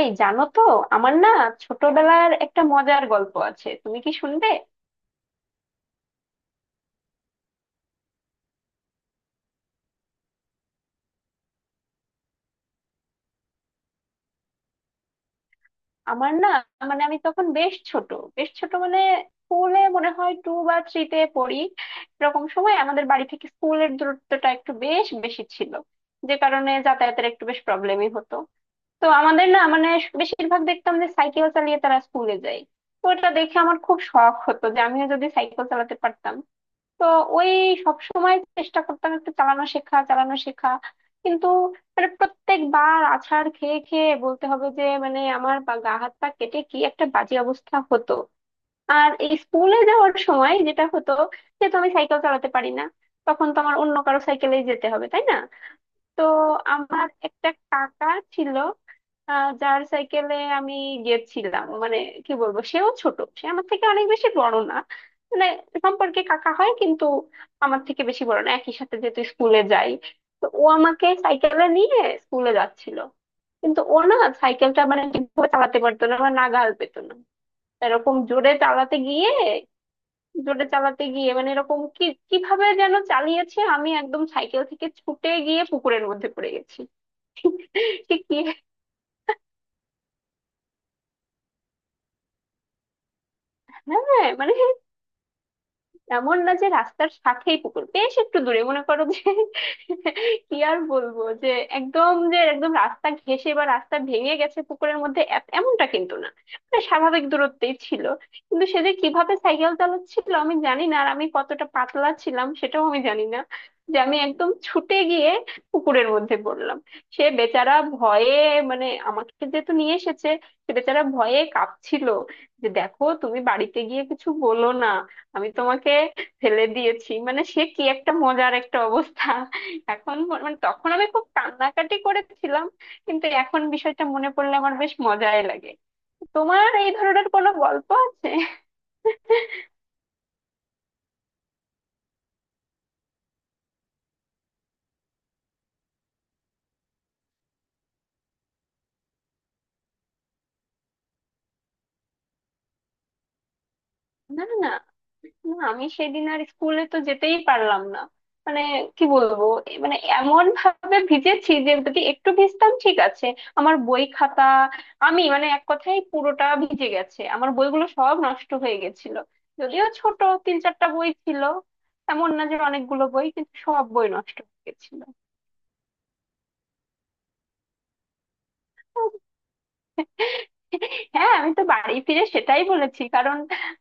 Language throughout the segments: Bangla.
এই জানো তো? আমার না, ছোটবেলার একটা মজার গল্প আছে, তুমি কি শুনবে? আমার না, মানে আমি তখন বেশ ছোট। বেশ ছোট মানে, স্কুলে মনে হয় টু বা থ্রিতে পড়ি। এরকম সময় আমাদের বাড়ি থেকে স্কুলের দূরত্বটা একটু বেশ বেশি ছিল, যে কারণে যাতায়াতের একটু বেশ প্রবলেমই হতো। তো আমাদের না, মানে বেশিরভাগ দেখতাম যে সাইকেল চালিয়ে তারা স্কুলে যায়। তো ওটা দেখে আমার খুব শখ হতো যে আমিও যদি সাইকেল চালাতে পারতাম। তো ওই সব সময় চেষ্টা করতাম, একটু চালানো শেখা চালানো শেখা, কিন্তু মানে প্রত্যেকবার আছাড় খেয়ে খেয়ে বলতে হবে যে মানে আমার বা গা হাত পা কেটে কি একটা বাজে অবস্থা হতো। আর এই স্কুলে যাওয়ার সময় যেটা হতো, যেহেতু আমি সাইকেল চালাতে পারি না, তখন তো আমার অন্য কারো সাইকেলেই যেতে হবে তাই না? তো আমার একটা কাকা ছিল, যার সাইকেলে আমি গেছিলাম। মানে কি বলবো, সেও ছোট, সে আমার থেকে অনেক বেশি বড় না। মানে সম্পর্কে কাকা হয়, কিন্তু আমার থেকে বেশি বড় না, একই সাথে যেহেতু স্কুলে যাই। তো ও আমাকে সাইকেলে নিয়ে স্কুলে যাচ্ছিল, কিন্তু ও না সাইকেলটা মানে ঠিকভাবে চালাতে পারতো না বা নাগাল পেত না। এরকম জোরে চালাতে গিয়ে, জোরে চালাতে গিয়ে মানে এরকম কি, কিভাবে যেন চালিয়েছে, আমি একদম সাইকেল থেকে ছুটে গিয়ে পুকুরের মধ্যে পড়ে গেছি। সে কি, হ্যাঁ! মানে এমন না যে রাস্তার সাথেই পুকুর, বেশ একটু দূরে মনে করো যে। কি আর বলবো যে একদম, যে একদম রাস্তা ঘেঁষে বা রাস্তা ভেঙে গেছে পুকুরের মধ্যে, এমনটা কিন্তু না, মানে স্বাভাবিক দূরত্বেই ছিল। কিন্তু সে যে কিভাবে সাইকেল চালাচ্ছিল আমি জানি না, আর আমি কতটা পাতলা ছিলাম সেটাও আমি জানি না, যে আমি একদম ছুটে গিয়ে পুকুরের মধ্যে পড়লাম। সে বেচারা ভয়ে, মানে আমাকে যেহেতু নিয়ে এসেছে, সে বেচারা ভয়ে কাঁপছিল যে দেখো তুমি বাড়িতে গিয়ে কিছু বলো না, আমি তোমাকে ফেলে দিয়েছি, মানে সে কি একটা মজার একটা অবস্থা। এখন মানে তখন আমি খুব কান্নাকাটি করেছিলাম, কিন্তু এখন বিষয়টা মনে পড়লে আমার বেশ মজাই লাগে। তোমার এই ধরনের কোনো গল্প আছে? না না না, আমি সেদিন আর স্কুলে তো যেতেই পারলাম না। মানে কি বলবো, এ মানে এমন ভাবে ভিজেছি, যে যদি একটু ভিজতাম ঠিক আছে, আমার বই খাতা আমি মানে এক কথায় পুরোটা ভিজে গেছে, আমার বইগুলো সব নষ্ট হয়ে গেছিল। যদিও ছোট, তিন চারটা বই ছিল, এমন না যে অনেকগুলো বই, কিন্তু সব বই নষ্ট হয়ে গেছিল। হ্যাঁ আমি তো বাড়ি ফিরে সেটাই বলেছি, কারণ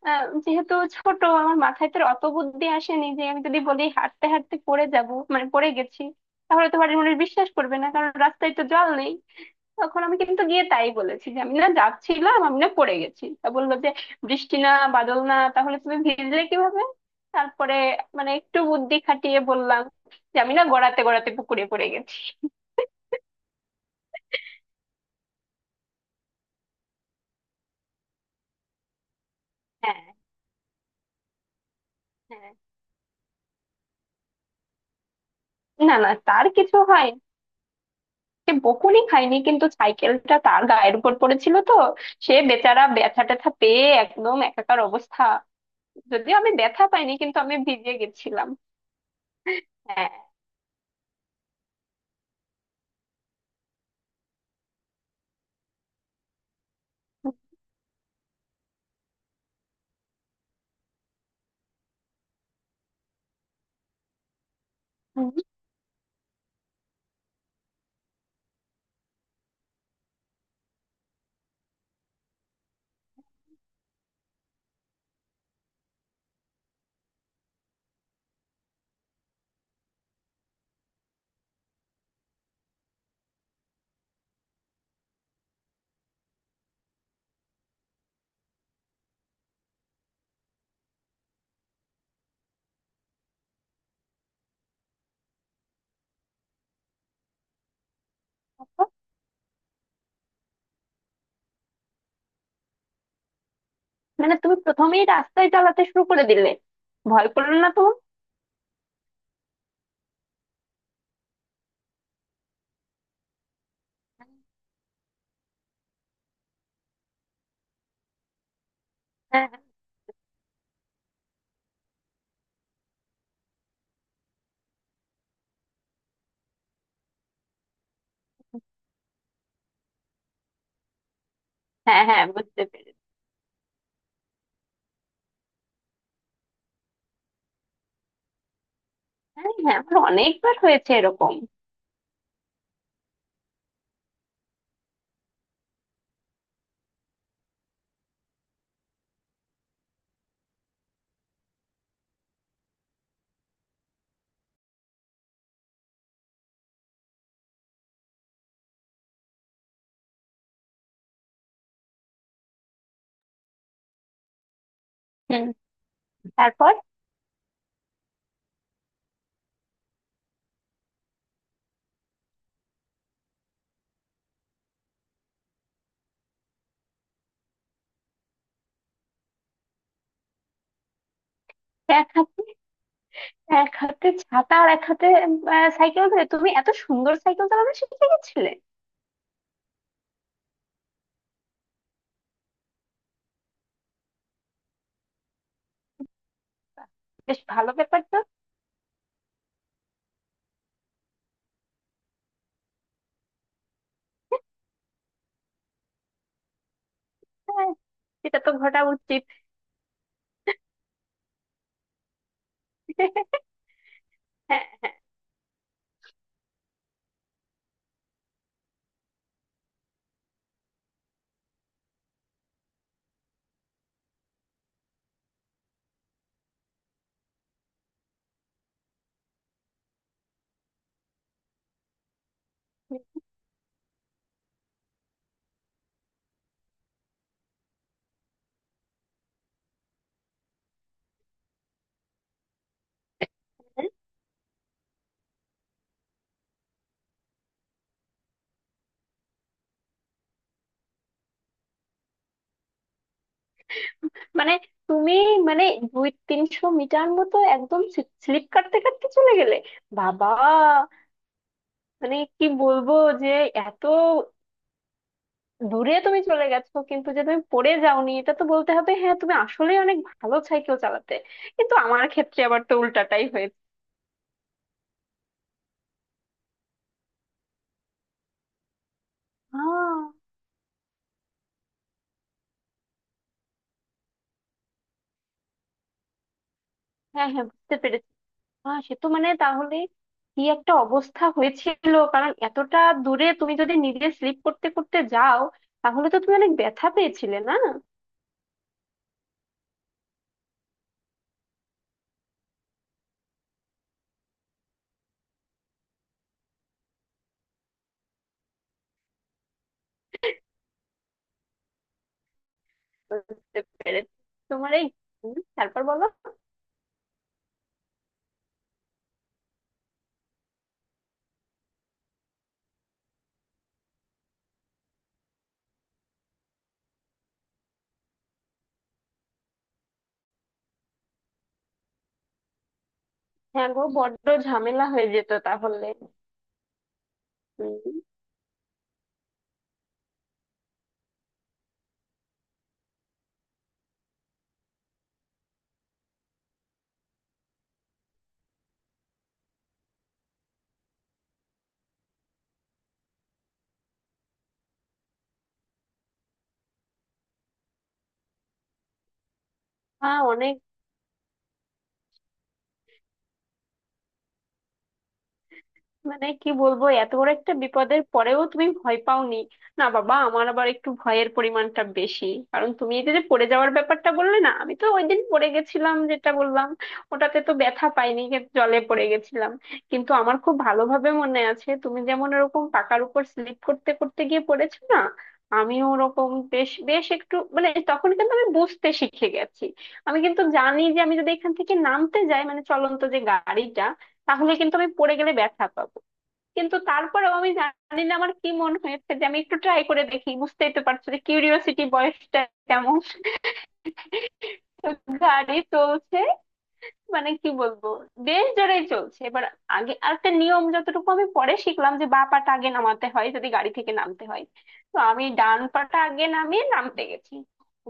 যেহেতু ছোট আমার মাথায় তো আর অত বুদ্ধি আসেনি যে আমি যদি বলি হাঁটতে হাঁটতে পড়ে যাব, মানে পড়ে গেছি, তাহলে তো বাড়ির মানুষ বিশ্বাস করবে না, কারণ রাস্তায় তো জল নেই। তখন আমি কিন্তু গিয়ে তাই বলেছি যে আমি না যাচ্ছিলাম, আমি না পড়ে গেছি। তা বললো যে বৃষ্টি না বাদল না, তাহলে তুমি ভিজলে কিভাবে? তারপরে মানে একটু বুদ্ধি খাটিয়ে বললাম যে আমি না গড়াতে গড়াতে পুকুরে পড়ে গেছি। হ্যাঁ, হ্যাঁ। না না, তার কিছু হয়নি, সে বকুনি খায়নি, কিন্তু সাইকেলটা তার গায়ের উপর পড়েছিল তো, সে বেচারা ব্যথা ট্যাথা পেয়ে একদম একাকার অবস্থা। যদিও আমি ব্যথা পাইনি, কিন্তু আমি ভিজে গেছিলাম। হ্যাঁ। হুম। মানে তুমি প্রথমেই রাস্তায় চালাতে শুরু করে দিলে? ভয় করলো না তো? হ্যাঁ হ্যাঁ। হ্যাঁ বুঝতে পেরেছি। হ্যাঁ হ্যাঁ, আমার অনেকবার হয়েছে এরকম। হুম। তারপর? এক হাতে, এক হাতে ছাতা, আর এক হাতে সাইকেল ধরে তুমি এত সুন্দর সাইকেল চালানো শিখে গেছিলে? বেশ ভালো ব্যাপার তো। হ্যাঁ, সেটা তো ঘটা উচিত। হ্যাঁ। মানে তুমি, মানে 200-300 মিটার মতো একদম স্লিপ কাটতে কাটতে চলে গেলে? বাবা! মানে কি বলবো যে এত দূরে তুমি চলে গেছো, কিন্তু যে তুমি পড়ে যাওনি এটা তো বলতে হবে, হ্যাঁ তুমি আসলেই অনেক ভালো সাইকেল চালাতে। কিন্তু আমার ক্ষেত্রে আবার তো উল্টাটাই হয়েছে। আহ, হ্যাঁ। হ্যাঁ বুঝতে পেরেছি। হ্যাঁ সে তো, মানে তাহলে কি একটা অবস্থা হয়েছিল, কারণ এতটা দূরে তুমি যদি নিজে স্লিপ করতে করতে যাও, তাহলে তো তুমি অনেক ব্যথা পেয়েছিলে না? বুঝতে পেরেছি তোমার এই। হুম, তারপর বলো। হ্যাঁ গো, বড্ড ঝামেলা হয়ে যেত তাহলে। হম। হ্যাঁ অনেক। মানে কি বলবো, এত বড় একটা বিপদের পরেও তুমি ভয় পাওনি? না বাবা, আমার আবার একটু ভয়ের পরিমাণটা বেশি। কারণ তুমি এই যে যে পড়ে যাওয়ার ব্যাপারটা বললে না, আমি তো ওই দিন পড়ে গেছিলাম যেটা বললাম, ওটাতে তো ব্যথা পাইনি, কিন্তু জলে পড়ে গেছিলাম। কিন্তু আমার খুব ভালোভাবে মনে আছে, তুমি যেমন এরকম পাকার উপর স্লিপ করতে করতে গিয়ে পড়েছো না, আমিও ওরকম বেশ, বেশ একটু, মানে তখন কিন্তু আমি বুঝতে শিখে গেছি। আমি কিন্তু জানি যে আমি যদি এখান থেকে নামতে যাই, মানে চলন্ত যে গাড়িটা, তাহলে কিন্তু আমি পড়ে গেলে ব্যথা পাবো। কিন্তু তারপরেও আমি জানি না আমার কি মনে হয়েছে, যে আমি একটু ট্রাই করে দেখি, বুঝতেই তো পারছো যে কিউরিওসিটি বয়সটা কেমন। তো গাড়ি চলছে, মানে কি বলবো, দেশ জোড়াই চলছে এবার। আগে আরেকটা নিয়ম যতটুকু আমি পরে শিখলাম, যে বা পাটা আগে নামাতে হয় যদি গাড়ি থেকে নামতে হয়। তো আমি ডান পাটা আগে নামিয়ে নামতে গেছি।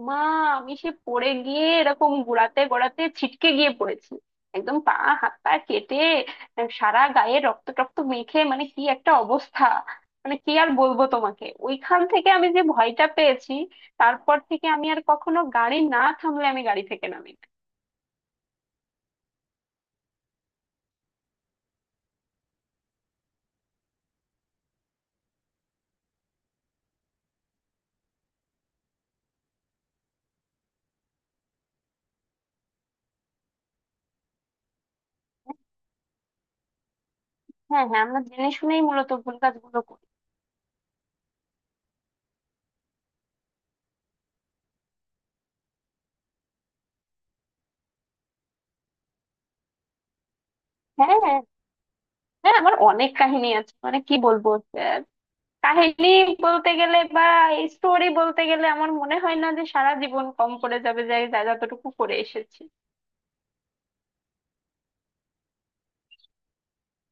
মা! আমি সে পড়ে গিয়ে এরকম গোড়াতে গোড়াতে ছিটকে গিয়ে পড়েছি, একদম পা, হাত পা কেটে, সারা গায়ে রক্ত টক্ত মেখে মানে কি একটা অবস্থা। মানে কি আর বলবো তোমাকে, ওইখান থেকে আমি যে ভয়টা পেয়েছি, তারপর থেকে আমি আর কখনো গাড়ি না থামলে আমি গাড়ি থেকে নামি না। হ্যাঁ হ্যাঁ, আমরা জেনে শুনেই মূলত ভুল কাজগুলো করি। হ্যাঁ হ্যাঁ। হ্যাঁ, আমার অনেক কাহিনী আছে, মানে কি বলবো, আহ, কাহিনী বলতে গেলে বা স্টোরি বলতে গেলে আমার মনে হয় না যে সারা জীবন কম করে যাবে, যে যা যতটুকু করে এসেছি।